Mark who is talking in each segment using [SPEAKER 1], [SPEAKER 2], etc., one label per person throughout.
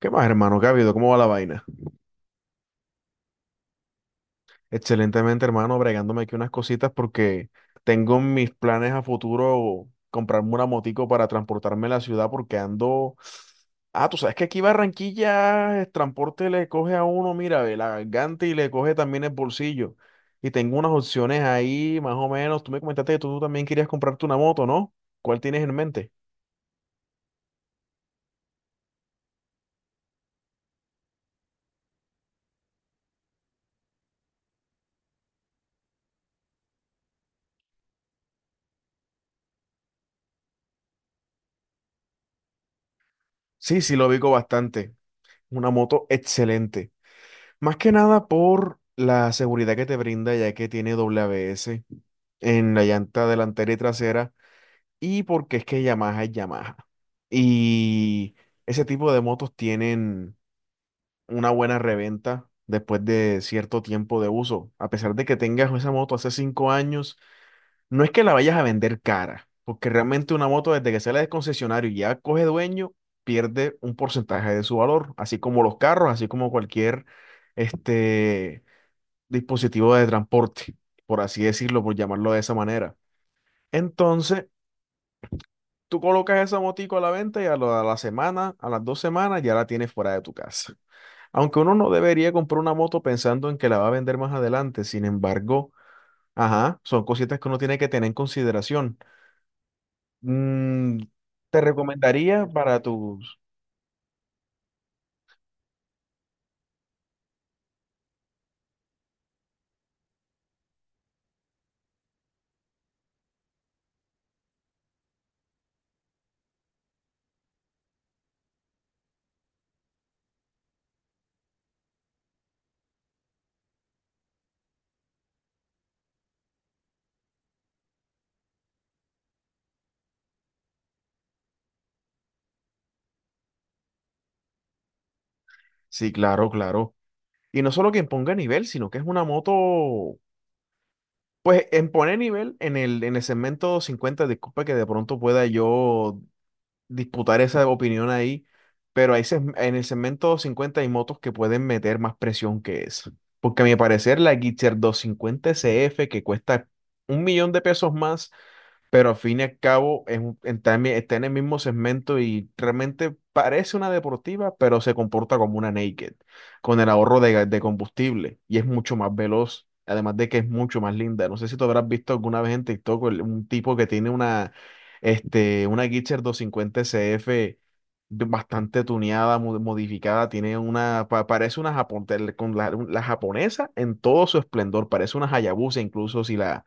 [SPEAKER 1] ¿Qué más, hermano? ¿Qué ha habido? ¿Cómo va la vaina? Excelentemente, hermano, bregándome aquí unas cositas porque tengo en mis planes a futuro comprarme una motico para transportarme a la ciudad porque ando. Ah, tú sabes que aquí Barranquilla el transporte le coge a uno, mira, ve la garganta y le coge también el bolsillo. Y tengo unas opciones ahí, más o menos. Tú me comentaste que tú también querías comprarte una moto, ¿no? ¿Cuál tienes en mente? Sí, sí, lo ubico bastante. Una moto excelente. Más que nada por la seguridad que te brinda, ya que tiene doble ABS en la llanta delantera y trasera, y porque es que Yamaha es Yamaha. Y ese tipo de motos tienen una buena reventa después de cierto tiempo de uso. A pesar de que tengas esa moto hace 5 años, no es que la vayas a vender cara, porque realmente una moto desde que sale del concesionario y ya coge dueño, pierde un porcentaje de su valor, así como los carros, así como cualquier este dispositivo de transporte, por así decirlo, por llamarlo de esa manera. Entonces, tú colocas esa motico a la venta y a la semana, a las 2 semanas, ya la tienes fuera de tu casa. Aunque uno no debería comprar una moto pensando en que la va a vender más adelante, sin embargo, ajá, son cositas que uno tiene que tener en consideración. Mm, Te recomendaría para tus. Sí, claro, claro. Y no solo que ponga nivel, sino que es una moto. Pues en poner nivel en el segmento cincuenta, disculpa que de pronto pueda yo disputar esa opinión ahí, pero en el segmento 50 hay motos que pueden meter más presión que esa. Porque a mi parecer la Gixxer 250 CF que cuesta $1.000.000 más, pero al fin y al cabo está en, está en el mismo segmento y realmente parece una deportiva, pero se comporta como una naked, con el ahorro de, de combustible y es mucho más veloz. Además de que es mucho más linda. No sé si tú habrás visto alguna vez en TikTok un tipo que tiene una, una Gitzer 250 CF bastante tuneada, modificada. Tiene una, parece una, con la japonesa en todo su esplendor. Parece una Hayabusa, incluso si la,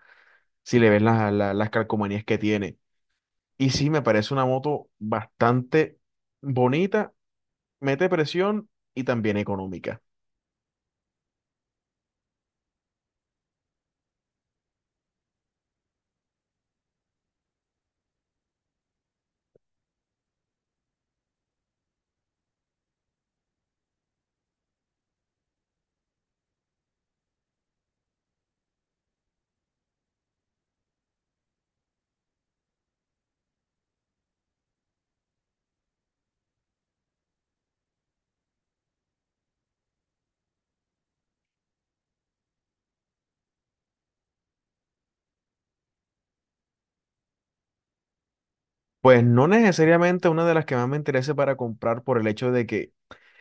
[SPEAKER 1] si le ves las, las calcomanías que tiene. Y sí, me parece una moto bastante bonita, mete presión y también económica. Pues no necesariamente una de las que más me interese para comprar, por el hecho de que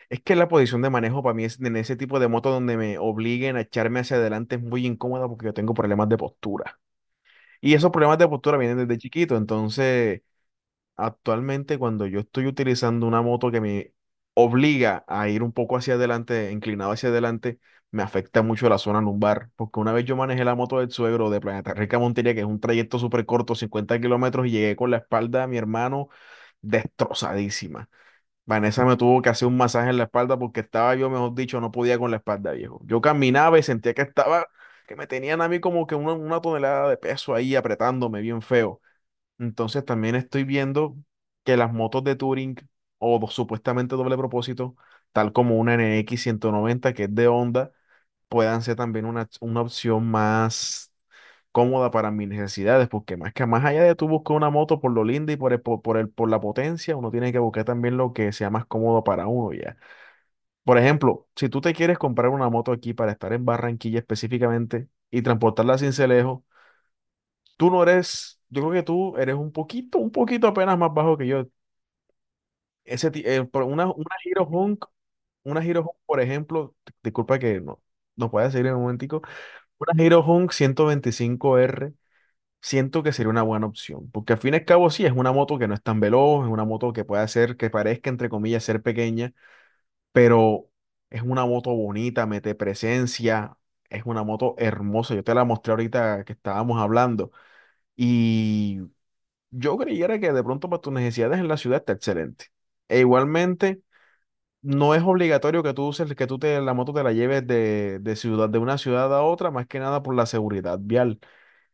[SPEAKER 1] es que la posición de manejo para mí es en ese tipo de moto donde me obliguen a echarme hacia adelante es muy incómoda, porque yo tengo problemas de postura. Y esos problemas de postura vienen desde chiquito. Entonces actualmente, cuando yo estoy utilizando una moto que me obliga a ir un poco hacia adelante, inclinado hacia adelante, me afecta mucho la zona lumbar, porque una vez yo manejé la moto del suegro de Planeta Rica a Montería, que es un trayecto súper corto, 50 kilómetros, y llegué con la espalda de mi hermano destrozadísima. Vanessa me tuvo que hacer un masaje en la espalda porque estaba yo, mejor dicho, no podía con la espalda, viejo. Yo caminaba y sentía que estaba, que me tenían a mí como que una tonelada de peso ahí apretándome bien feo. Entonces también estoy viendo que las motos de Touring o supuestamente doble propósito, tal como una N X 190 que es de Honda, puedan ser también una opción más cómoda para mis necesidades, porque más que más allá de tú buscar una moto por lo linda y por el, po- por, el, por la potencia, uno tiene que buscar también lo que sea más cómodo para uno ya. Por ejemplo, si tú te quieres comprar una moto aquí para estar en Barranquilla específicamente y transportarla a Sincelejo. Tú no eres, yo creo que tú eres un poquito apenas más bajo que yo. Por una Hero Hunk, por ejemplo, disculpa que no, nos puedes seguir en un momentico, una Hero Hunk 125 r, siento que sería una buena opción, porque al fin y al cabo sí, es una moto que no es tan veloz, es una moto que puede hacer, que parezca, entre comillas, ser pequeña, pero es una moto bonita, mete presencia, es una moto hermosa, yo te la mostré ahorita que estábamos hablando. Y yo creyera que de pronto para tus necesidades en la ciudad está excelente. E igualmente, no es obligatorio que tú uses, que la moto te la lleves de ciudad, de una ciudad a otra, más que nada por la seguridad vial.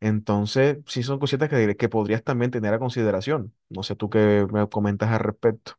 [SPEAKER 1] Entonces, sí son cositas que podrías también tener a consideración. No sé tú qué me comentas al respecto.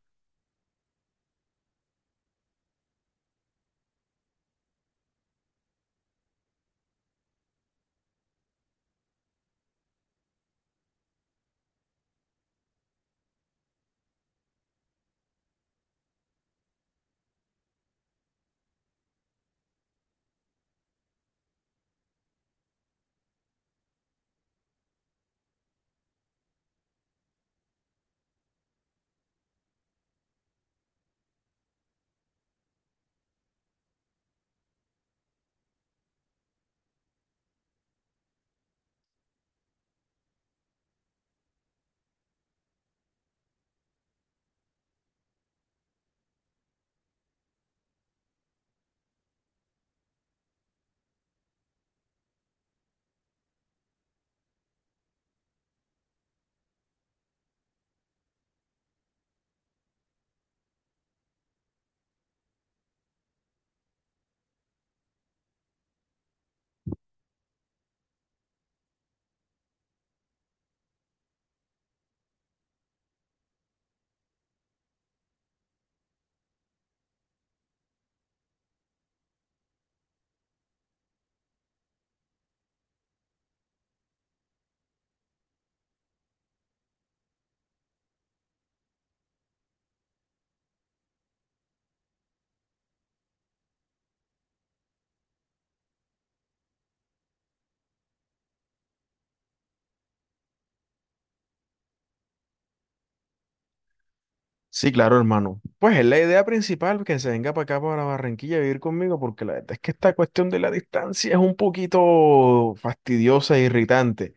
[SPEAKER 1] Sí, claro, hermano. Pues es la idea principal que se venga para acá, para Barranquilla, a vivir conmigo, porque la verdad es que esta cuestión de la distancia es un poquito fastidiosa e irritante,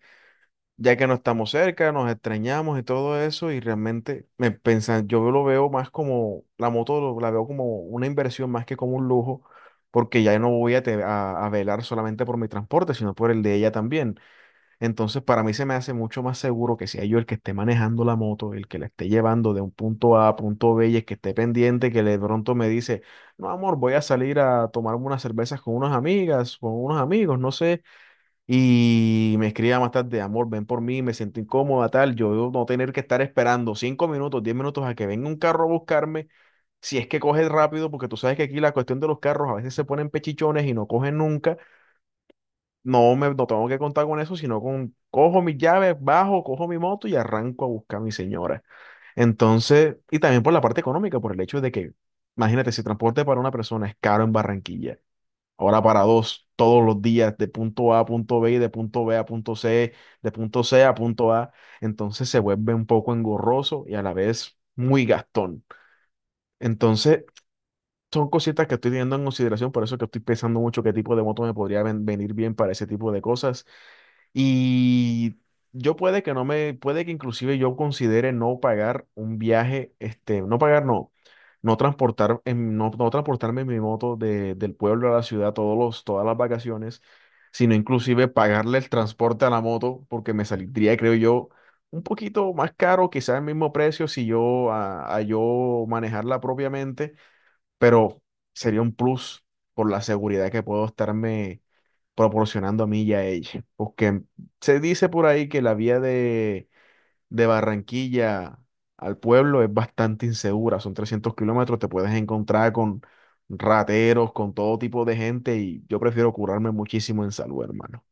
[SPEAKER 1] ya que no estamos cerca, nos extrañamos y todo eso, y realmente me pensan, yo lo veo más como, la moto la veo como una inversión más que como un lujo, porque ya no voy a velar solamente por mi transporte, sino por el de ella también. Entonces, para mí se me hace mucho más seguro que sea yo el que esté manejando la moto, el que la esté llevando de un punto A a punto B y el que esté pendiente, que de pronto me dice, no, amor, voy a salir a tomarme unas cervezas con unas amigas, con unos amigos, no sé, y me escribía más tarde, amor, ven por mí, me siento incómoda, tal. Yo no tener que estar esperando 5 minutos, 10 minutos a que venga un carro a buscarme, si es que coge rápido, porque tú sabes que aquí la cuestión de los carros a veces se ponen pechichones y no cogen nunca. No tengo que contar con eso, sino con cojo mis llaves, bajo, cojo mi moto y arranco a buscar a mi señora. Entonces, y también por la parte económica, por el hecho de que, imagínate, si transporte para una persona es caro en Barranquilla, ahora para dos, todos los días, de punto A a punto B y de punto B a punto C, de punto C a punto A. Entonces se vuelve un poco engorroso y a la vez muy gastón. Entonces son cositas que estoy teniendo en consideración, por eso que estoy pensando mucho qué tipo de moto me podría venir bien para ese tipo de cosas. Y yo puede que no me, puede que inclusive yo considere no pagar un viaje, no pagar, no, no transportar, no, no transportarme en mi moto del pueblo a la ciudad todos los, todas las vacaciones, sino inclusive pagarle el transporte a la moto, porque me saldría, creo yo, un poquito más caro, quizás el mismo precio si yo, a yo manejarla propiamente, pero sería un plus por la seguridad que puedo estarme proporcionando a mí y a ella. Porque se dice por ahí que la vía de Barranquilla al pueblo es bastante insegura. Son 300 kilómetros, te puedes encontrar con rateros, con todo tipo de gente, y yo prefiero curarme muchísimo en salud, hermano.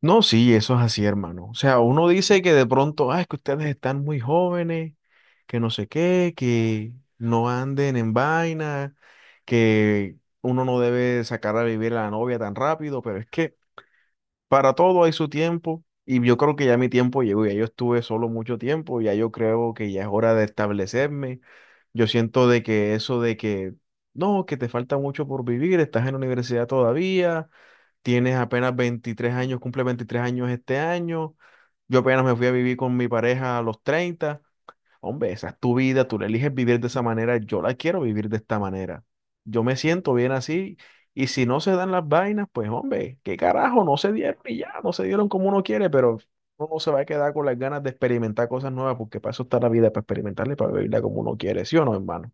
[SPEAKER 1] No, sí, eso es así, hermano. O sea, uno dice que de pronto, ah, es que ustedes están muy jóvenes, que no sé qué, que no anden en vaina, que uno no debe sacar a vivir a la novia tan rápido, pero es que para todo hay su tiempo y yo creo que ya mi tiempo llegó, ya yo estuve solo mucho tiempo, ya yo creo que ya es hora de establecerme. Yo siento de que eso de que, no, que te falta mucho por vivir, estás en la universidad todavía, tienes apenas 23 años, cumple 23 años este año, yo apenas me fui a vivir con mi pareja a los 30. Hombre, esa es tu vida, tú la eliges vivir de esa manera, yo la quiero vivir de esta manera. Yo me siento bien así, y si no se dan las vainas, pues hombre, qué carajo, no se dieron y ya, no se dieron como uno quiere, pero uno no se va a quedar con las ganas de experimentar cosas nuevas porque para eso está la vida, para experimentarla y para vivirla como uno quiere, ¿sí o no, hermano?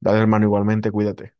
[SPEAKER 1] Dale, hermano, igualmente, cuídate.